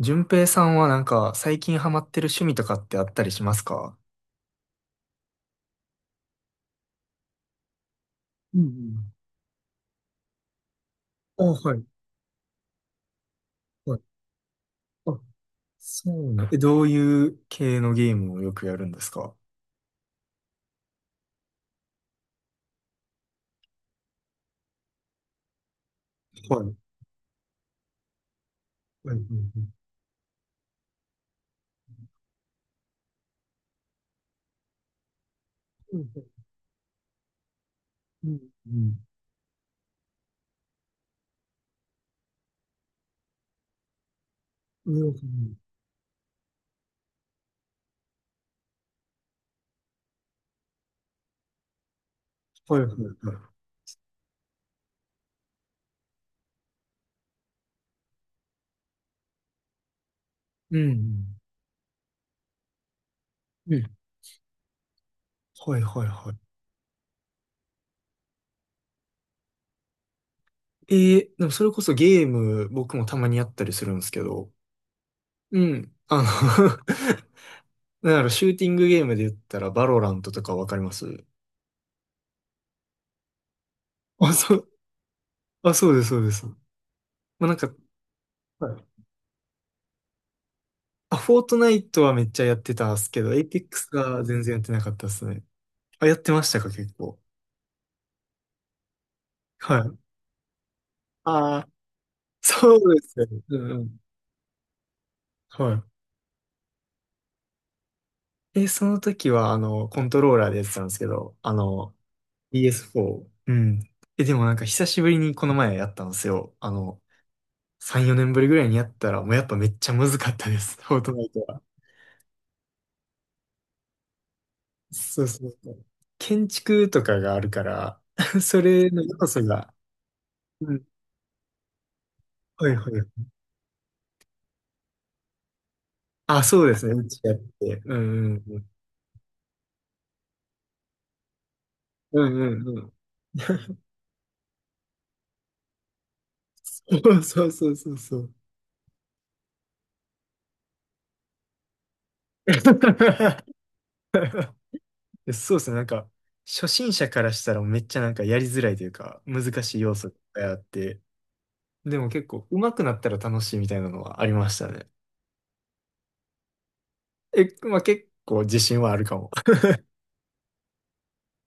順平さんはなんか最近ハマってる趣味とかってあったりしますか？うんうん。あ、はい、はい。あ、そうなん。え、どういう系のゲームをよくやるんですか？はい。はい。はい。はい。うんうん。うん。はい。はい。はいうんうん。い。ね。はいはいはい。えでもそれこそゲーム僕もたまにやったりするんですけど、うん。あの なんだろう、シューティングゲームで言ったらバロラントとかわかります？あ、そう、あ、そうです、そうです。まあ、なんかはいあ、フォートナイトはめっちゃやってたっすけど、エイペックスが全然やってなかったっすね。あ、やってましたか、結構。はい。ああ、そうですよね。うんうん。はい。え、その時は、あの、コントローラーでやってたんですけど、あの、PS4。うん。え、でもなんか久しぶりにこの前やったんですよ。あの、3、4年ぶりぐらいにやったら、もうやっぱめっちゃ難かったです、フォートナイトは。そうそうそう。建築とかがあるから、それの要素が、うん。はいはいあ、そうですね。うちやって。うんうんうん。うんうんうん。そうそうそうそう。そうですね。なんか、初心者からしたらめっちゃなんかやりづらいというか、難しい要素がいっぱいあって、でも結構上手くなったら楽しいみたいなのはありましたね。え、まあ結構自信はあるかも。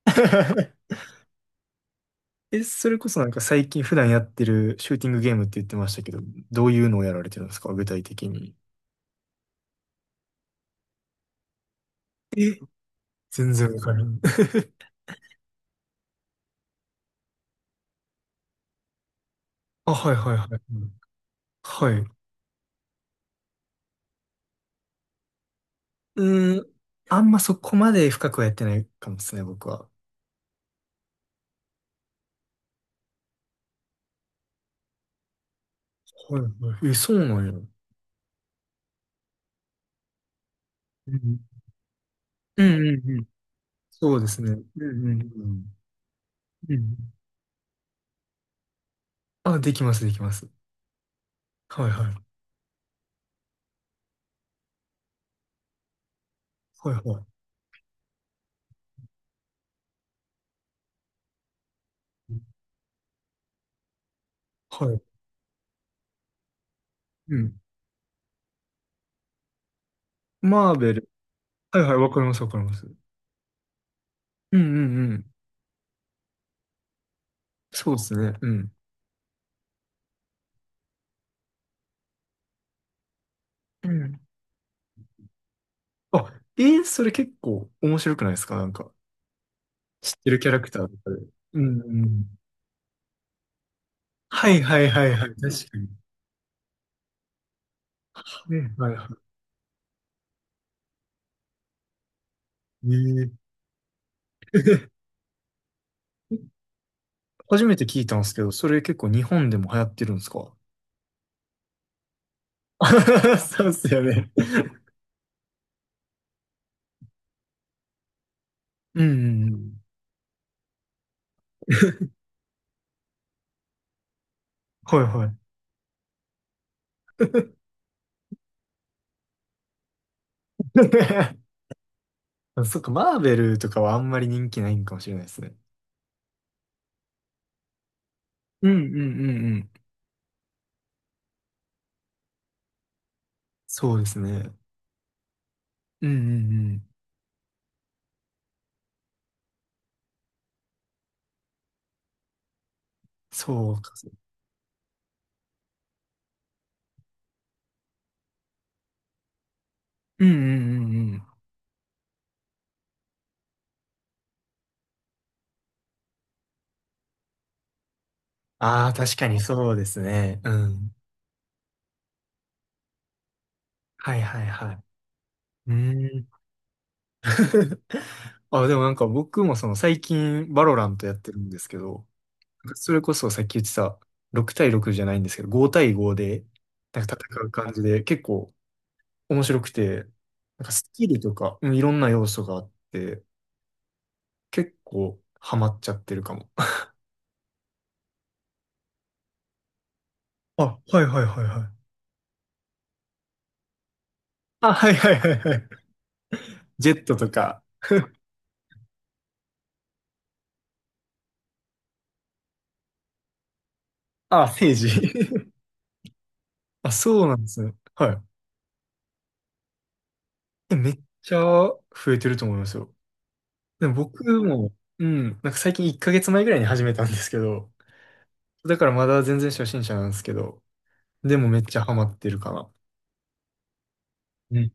え、それこそなんか最近普段やってるシューティングゲームって言ってましたけど、どういうのをやられてるんですか、具体的に。え、全然わからん。あ、はいはいはい。はい。うーん、あんまそこまで深くはやってないかもですね、僕は。はいはい。え、そうなんや。うんうん。うんうんうんうんそうですね。うんうんうん。うん。あ、できます、できます。はいはい。はいはい。はい。うん。マーベル。はいはい、わかります、わかります。うんうんうん。そうですね。うん。うん。あ、それ結構面白くないですか？なんか、知ってるキャラクターとかで。うんうん。はいはいはいはい。確かに。はいはいはい。初めて聞いたんですけど、それ結構日本でも流行ってるんですか？ そうっすよね。うんうんうん。はいはい。そっか、マーベルとかはあんまり人気ないんかもしれないですね。うんうんうんうん。そうですね。うんうんうん。そうか。うんうんうんうん。ああ、確かにそうですね。うん。はいはいはい。うーん。あ、でもなんか僕もその最近バロラントやってるんですけど、それこそさっき言ってた、6対6じゃないんですけど、5対5で、なんか戦う感じで、結構面白くて、なんかスキルとか、うんいろんな要素があって、結構ハマっちゃってるかも。あ、はいはいはいはい。あ、はいはいはいはい。ジェットとか。あ、セージ。あ、そうなんですね。はい。えめっちゃ増えてると思いますよ。でも僕も、うん、なんか最近1ヶ月前ぐらいに始めたんですけど、だからまだ全然初心者なんですけど、でもめっちゃハマってるかな。うん。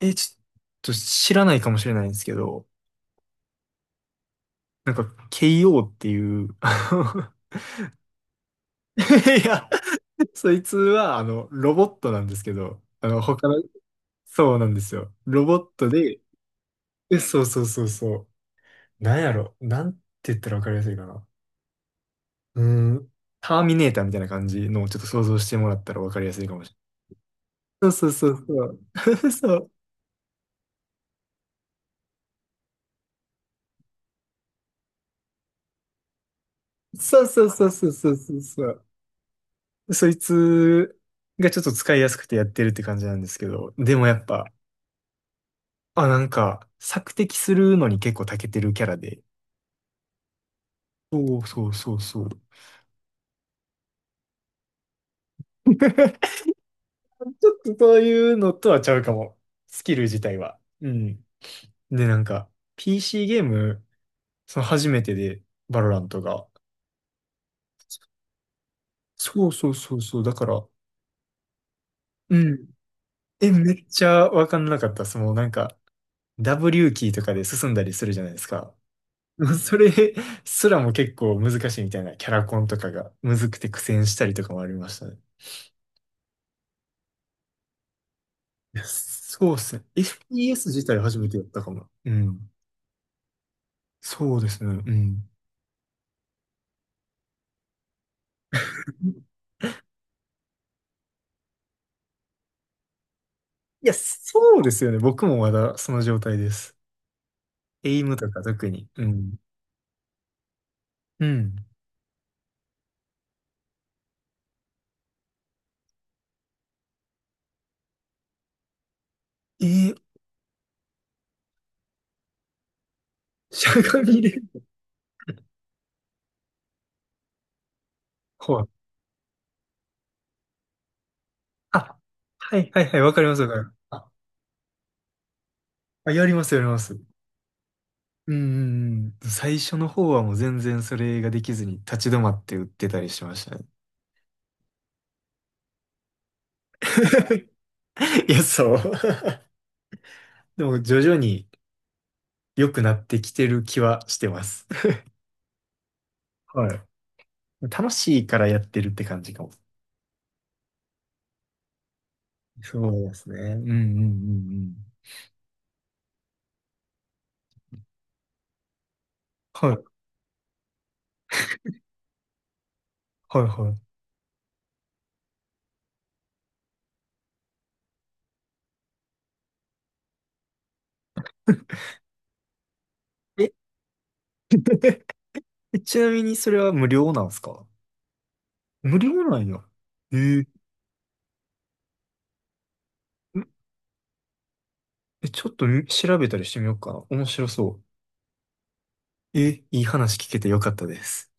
え、ちょっと知らないかもしれないんですけど、なんか、KO っていう、あの いや、そいつは、あの、ロボットなんですけど、あの、他の、そうなんですよ。ロボットで、え、そうそうそうそう。なんやろ、なんて言ったらわかりやすいかな。うーん、ターミネーターみたいな感じのをちょっと想像してもらったらわかりやすいかもしれない。そうそうそうそう。そう。そうそうそうそうそうそう。そいつがちょっと使いやすくてやってるって感じなんですけど、でもやっぱ、あ、なんか、索敵するのに結構長けてるキャラで。そうそうそうそう。ちょっとそういうのとはちゃうかも。スキル自体は。うん。で、なんか、PC ゲーム、その初めてで、バロラントが。そうそうそうそう。だから、うん。え、めっちゃわかんなかった。その、なんか、W キーとかで進んだりするじゃないですか。もうそれすらも結構難しいみたいな、キャラコンとかがむずくて苦戦したりとかもありましたね。いやそうですね。FPS 自体初めてやったかも。うん。そうですね。うん。いや、そうですよね。僕もまだその状態です。エイムとか特に。うん。うん。えー、しゃがみで。ほう。あ、はいはいはい、わかりますわかります。あ、あやりますやります。うんうんうん。最初の方はもう全然それができずに立ち止まって打ってたりしましたね。いや、そう。でも、徐々に良くなってきてる気はしてます。はい。楽しいからやってるって感じかも。そうですね。うんうんうんうん。はい、はい、はい。え、えちなみにそれは無料なんですか？無料なんや。えー、んえ、ちょっと調べたりしてみようかな。面白そう。え、いい話聞けてよかったです。